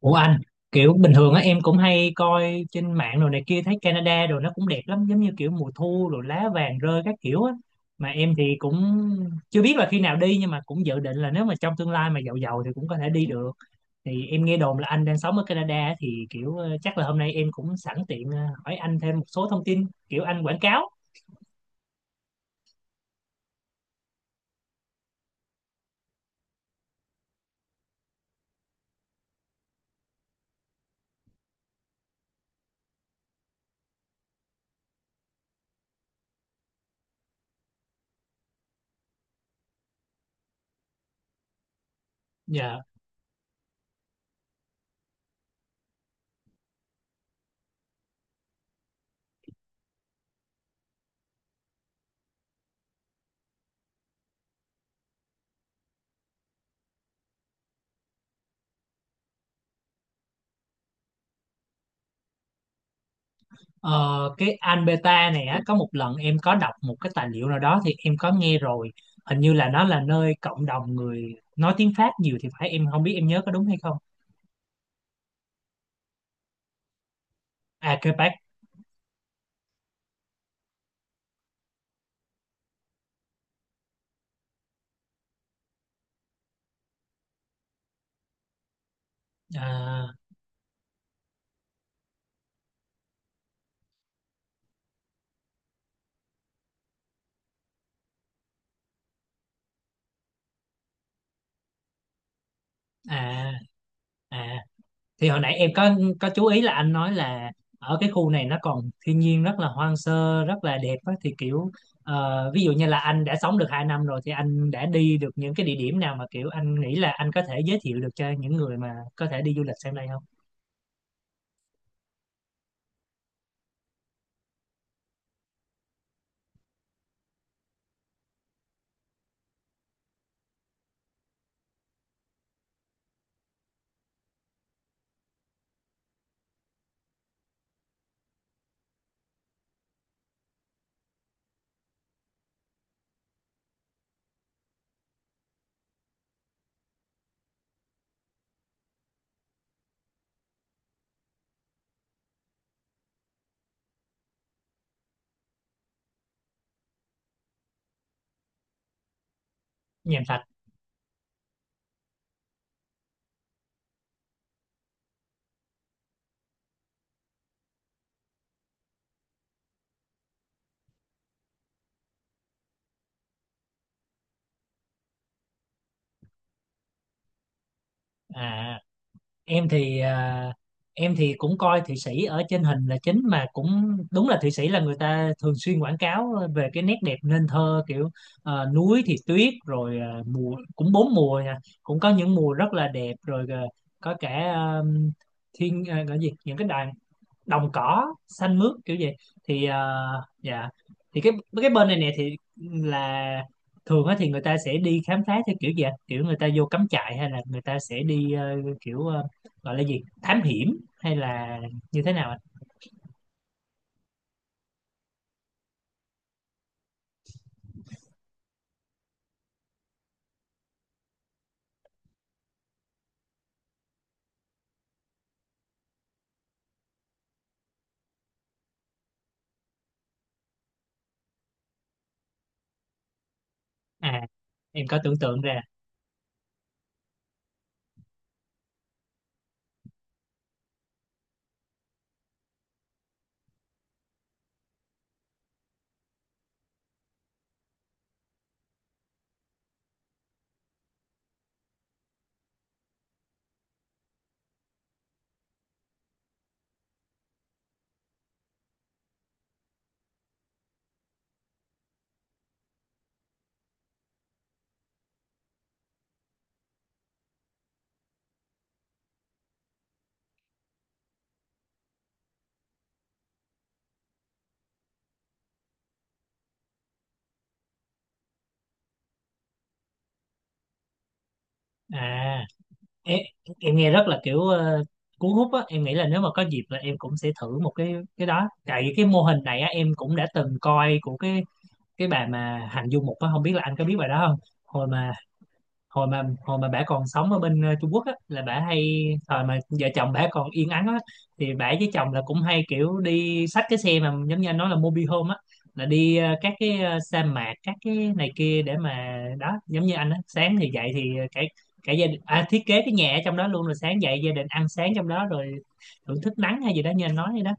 Ủa anh, kiểu bình thường á em cũng hay coi trên mạng đồ này kia, thấy Canada đồ nó cũng đẹp lắm, giống như kiểu mùa thu rồi lá vàng rơi các kiểu á, mà em thì cũng chưa biết là khi nào đi, nhưng mà cũng dự định là nếu mà trong tương lai mà giàu giàu thì cũng có thể đi được. Thì em nghe đồn là anh đang sống ở Canada á, thì kiểu chắc là hôm nay em cũng sẵn tiện hỏi anh thêm một số thông tin, kiểu anh quảng cáo. Dạ. Ờ, cái Anh Beta này á, có một lần em có đọc một cái tài liệu nào đó thì em có nghe rồi, hình như là nó là nơi cộng đồng người nói tiếng Pháp nhiều thì phải, em không biết em nhớ có đúng hay không. À, Quebec. À, à à. Thì hồi nãy em có chú ý là anh nói là ở cái khu này nó còn thiên nhiên rất là hoang sơ rất là đẹp á, thì kiểu ví dụ như là anh đã sống được 2 năm rồi thì anh đã đi được những cái địa điểm nào mà kiểu anh nghĩ là anh có thể giới thiệu được cho những người mà có thể đi du lịch sang đây không? Nhàm Thạch. À, em thì em thì cũng coi Thụy Sĩ ở trên hình là chính, mà cũng đúng là Thụy Sĩ là người ta thường xuyên quảng cáo về cái nét đẹp nên thơ, kiểu núi thì tuyết, rồi mùa cũng bốn mùa nha, cũng có những mùa rất là đẹp, rồi có cả thiên gọi gì những cái đàn, đồng cỏ xanh mướt kiểu gì. Thì dạ, thì cái bên này nè thì là, thường á thì người ta sẽ đi khám phá theo kiểu gì ạ? Kiểu người ta vô cắm trại hay là người ta sẽ đi kiểu gọi là gì, thám hiểm hay là như thế nào ạ? À, em có tưởng tượng ra. À, em, em nghe rất là kiểu cuốn hút á, em nghĩ là nếu mà có dịp là em cũng sẽ thử một cái đó, tại vì cái mô hình này á em cũng đã từng coi của cái bà mà Hạnh Du Mục á, không biết là anh có biết bà đó không. Hồi mà hồi mà hồi mà bả còn sống ở bên Trung Quốc á là bả hay, thời mà vợ chồng bả còn yên ắng á, thì bả với chồng là cũng hay kiểu đi xách cái xe mà giống như anh nói là mobile home á, là đi các cái sa mạc các cái này kia, để mà đó giống như anh á, sáng thì dậy thì cả cả gia đình thiết kế cái nhà ở trong đó luôn, rồi sáng dậy gia đình ăn sáng trong đó, rồi thưởng thức nắng hay gì đó như anh nói vậy đó.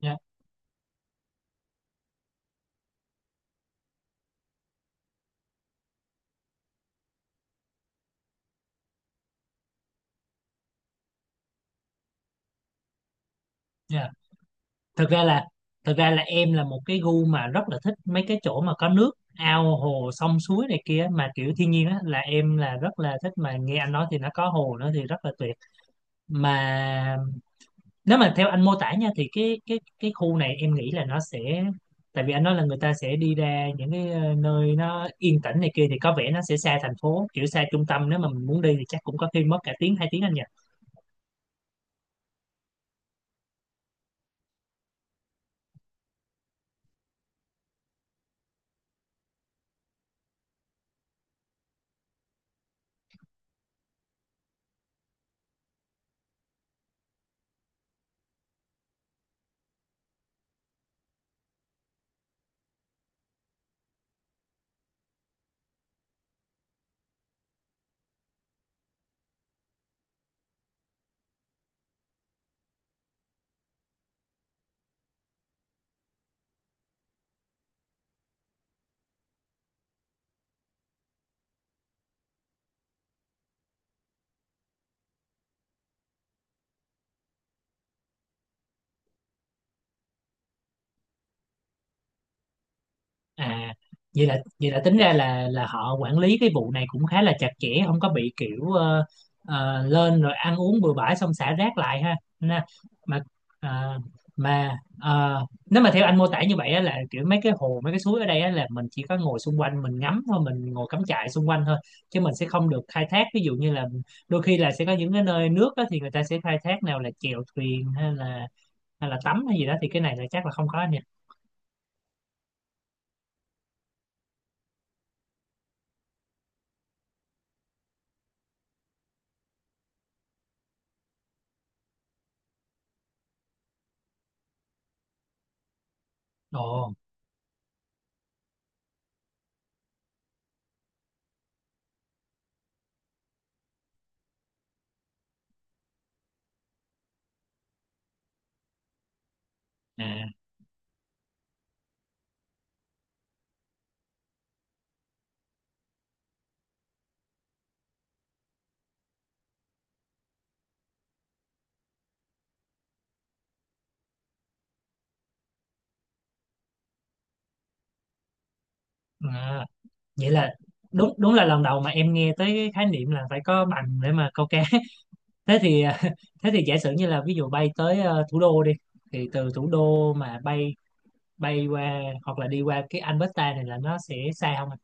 Dạ. Dạ. Thực ra là thực ra là em là một cái gu mà rất là thích mấy cái chỗ mà có nước, ao hồ sông suối này kia mà kiểu thiên nhiên á là em là rất là thích, mà nghe anh nói thì nó có hồ nữa thì rất là tuyệt. Mà nếu mà theo anh mô tả nha, thì cái khu này em nghĩ là nó sẽ, tại vì anh nói là người ta sẽ đi ra những cái nơi nó yên tĩnh này kia, thì có vẻ nó sẽ xa thành phố, kiểu xa trung tâm, nếu mà mình muốn đi thì chắc cũng có khi mất cả tiếng hai tiếng anh nhỉ. À, vậy là tính ra là họ quản lý cái vụ này cũng khá là chặt chẽ, không có bị kiểu lên rồi ăn uống bừa bãi xong xả rác lại ha nè. Mà ờ, mà nếu mà theo anh mô tả như vậy á, là kiểu mấy cái hồ mấy cái suối ở đây á, là mình chỉ có ngồi xung quanh mình ngắm thôi, mình ngồi cắm trại xung quanh thôi, chứ mình sẽ không được khai thác, ví dụ như là đôi khi là sẽ có những cái nơi nước á, thì người ta sẽ khai thác, nào là chèo thuyền hay là tắm hay gì đó, thì cái này là chắc là không có nha. Ồ. À, à. Vậy là đúng đúng là lần đầu mà em nghe tới cái khái niệm là phải có bằng để mà câu cá. Thế thì à, thế thì giả sử như là ví dụ bay tới thủ đô đi, thì từ thủ đô mà bay bay qua hoặc là đi qua cái Alberta này là nó sẽ xa không anh.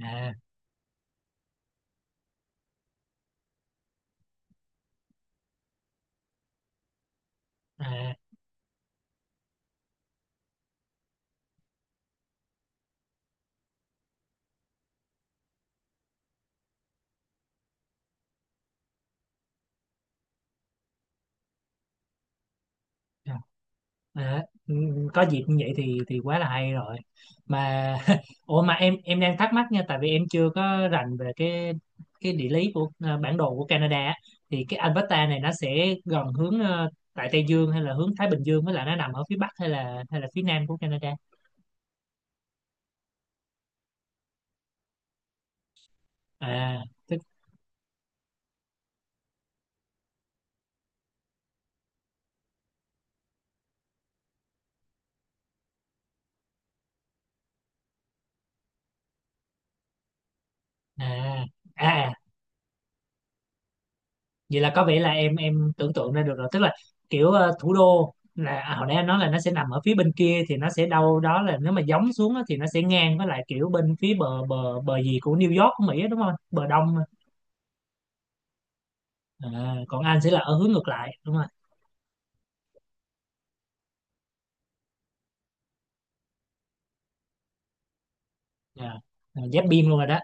À. À à. À, ừ, ừ, có dịp như vậy thì quá là hay rồi. Mà ủa mà em đang thắc mắc nha, tại vì em chưa có rành về cái địa lý của bản đồ của Canada á. Thì cái Alberta này nó sẽ gần hướng tại Tây Dương hay là hướng Thái Bình Dương, với lại nó nằm ở phía Bắc hay là phía Nam của Canada. À tức. À. À, vậy là có vẻ là em tưởng tượng ra được rồi, tức là kiểu thủ đô là à, hồi nãy anh nói là nó sẽ nằm ở phía bên kia, thì nó sẽ đâu đó là nếu mà gióng xuống á, thì nó sẽ ngang với lại kiểu bên phía bờ bờ bờ gì của New York của Mỹ á, đúng không, bờ đông á. À, còn anh sẽ là ở hướng ngược lại đúng không. Dạ. À, giáp biên luôn rồi đó.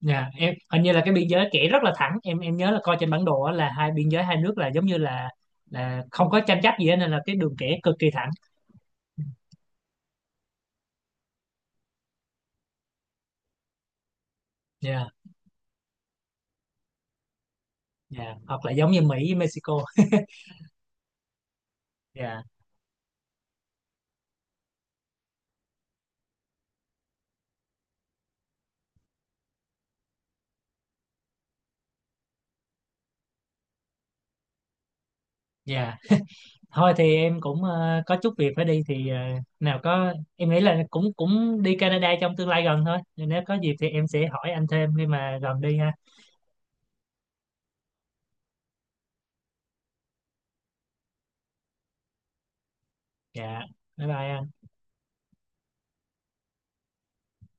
Dạ, em hình như là cái biên giới kẻ rất là thẳng, em nhớ là coi trên bản đồ á, là hai biên giới hai nước là giống như là không có tranh chấp gì hết, nên là cái đường kẻ cực kỳ thẳng. Dạ, dạ, hoặc là giống như Mỹ với Mexico. Dạ, dạ, thôi thì em cũng có chút việc phải đi, thì nào có em nghĩ là cũng cũng đi Canada trong tương lai gần thôi, nên nếu có dịp thì em sẽ hỏi anh thêm khi mà gần đi ha. Dạ, bye bye anh.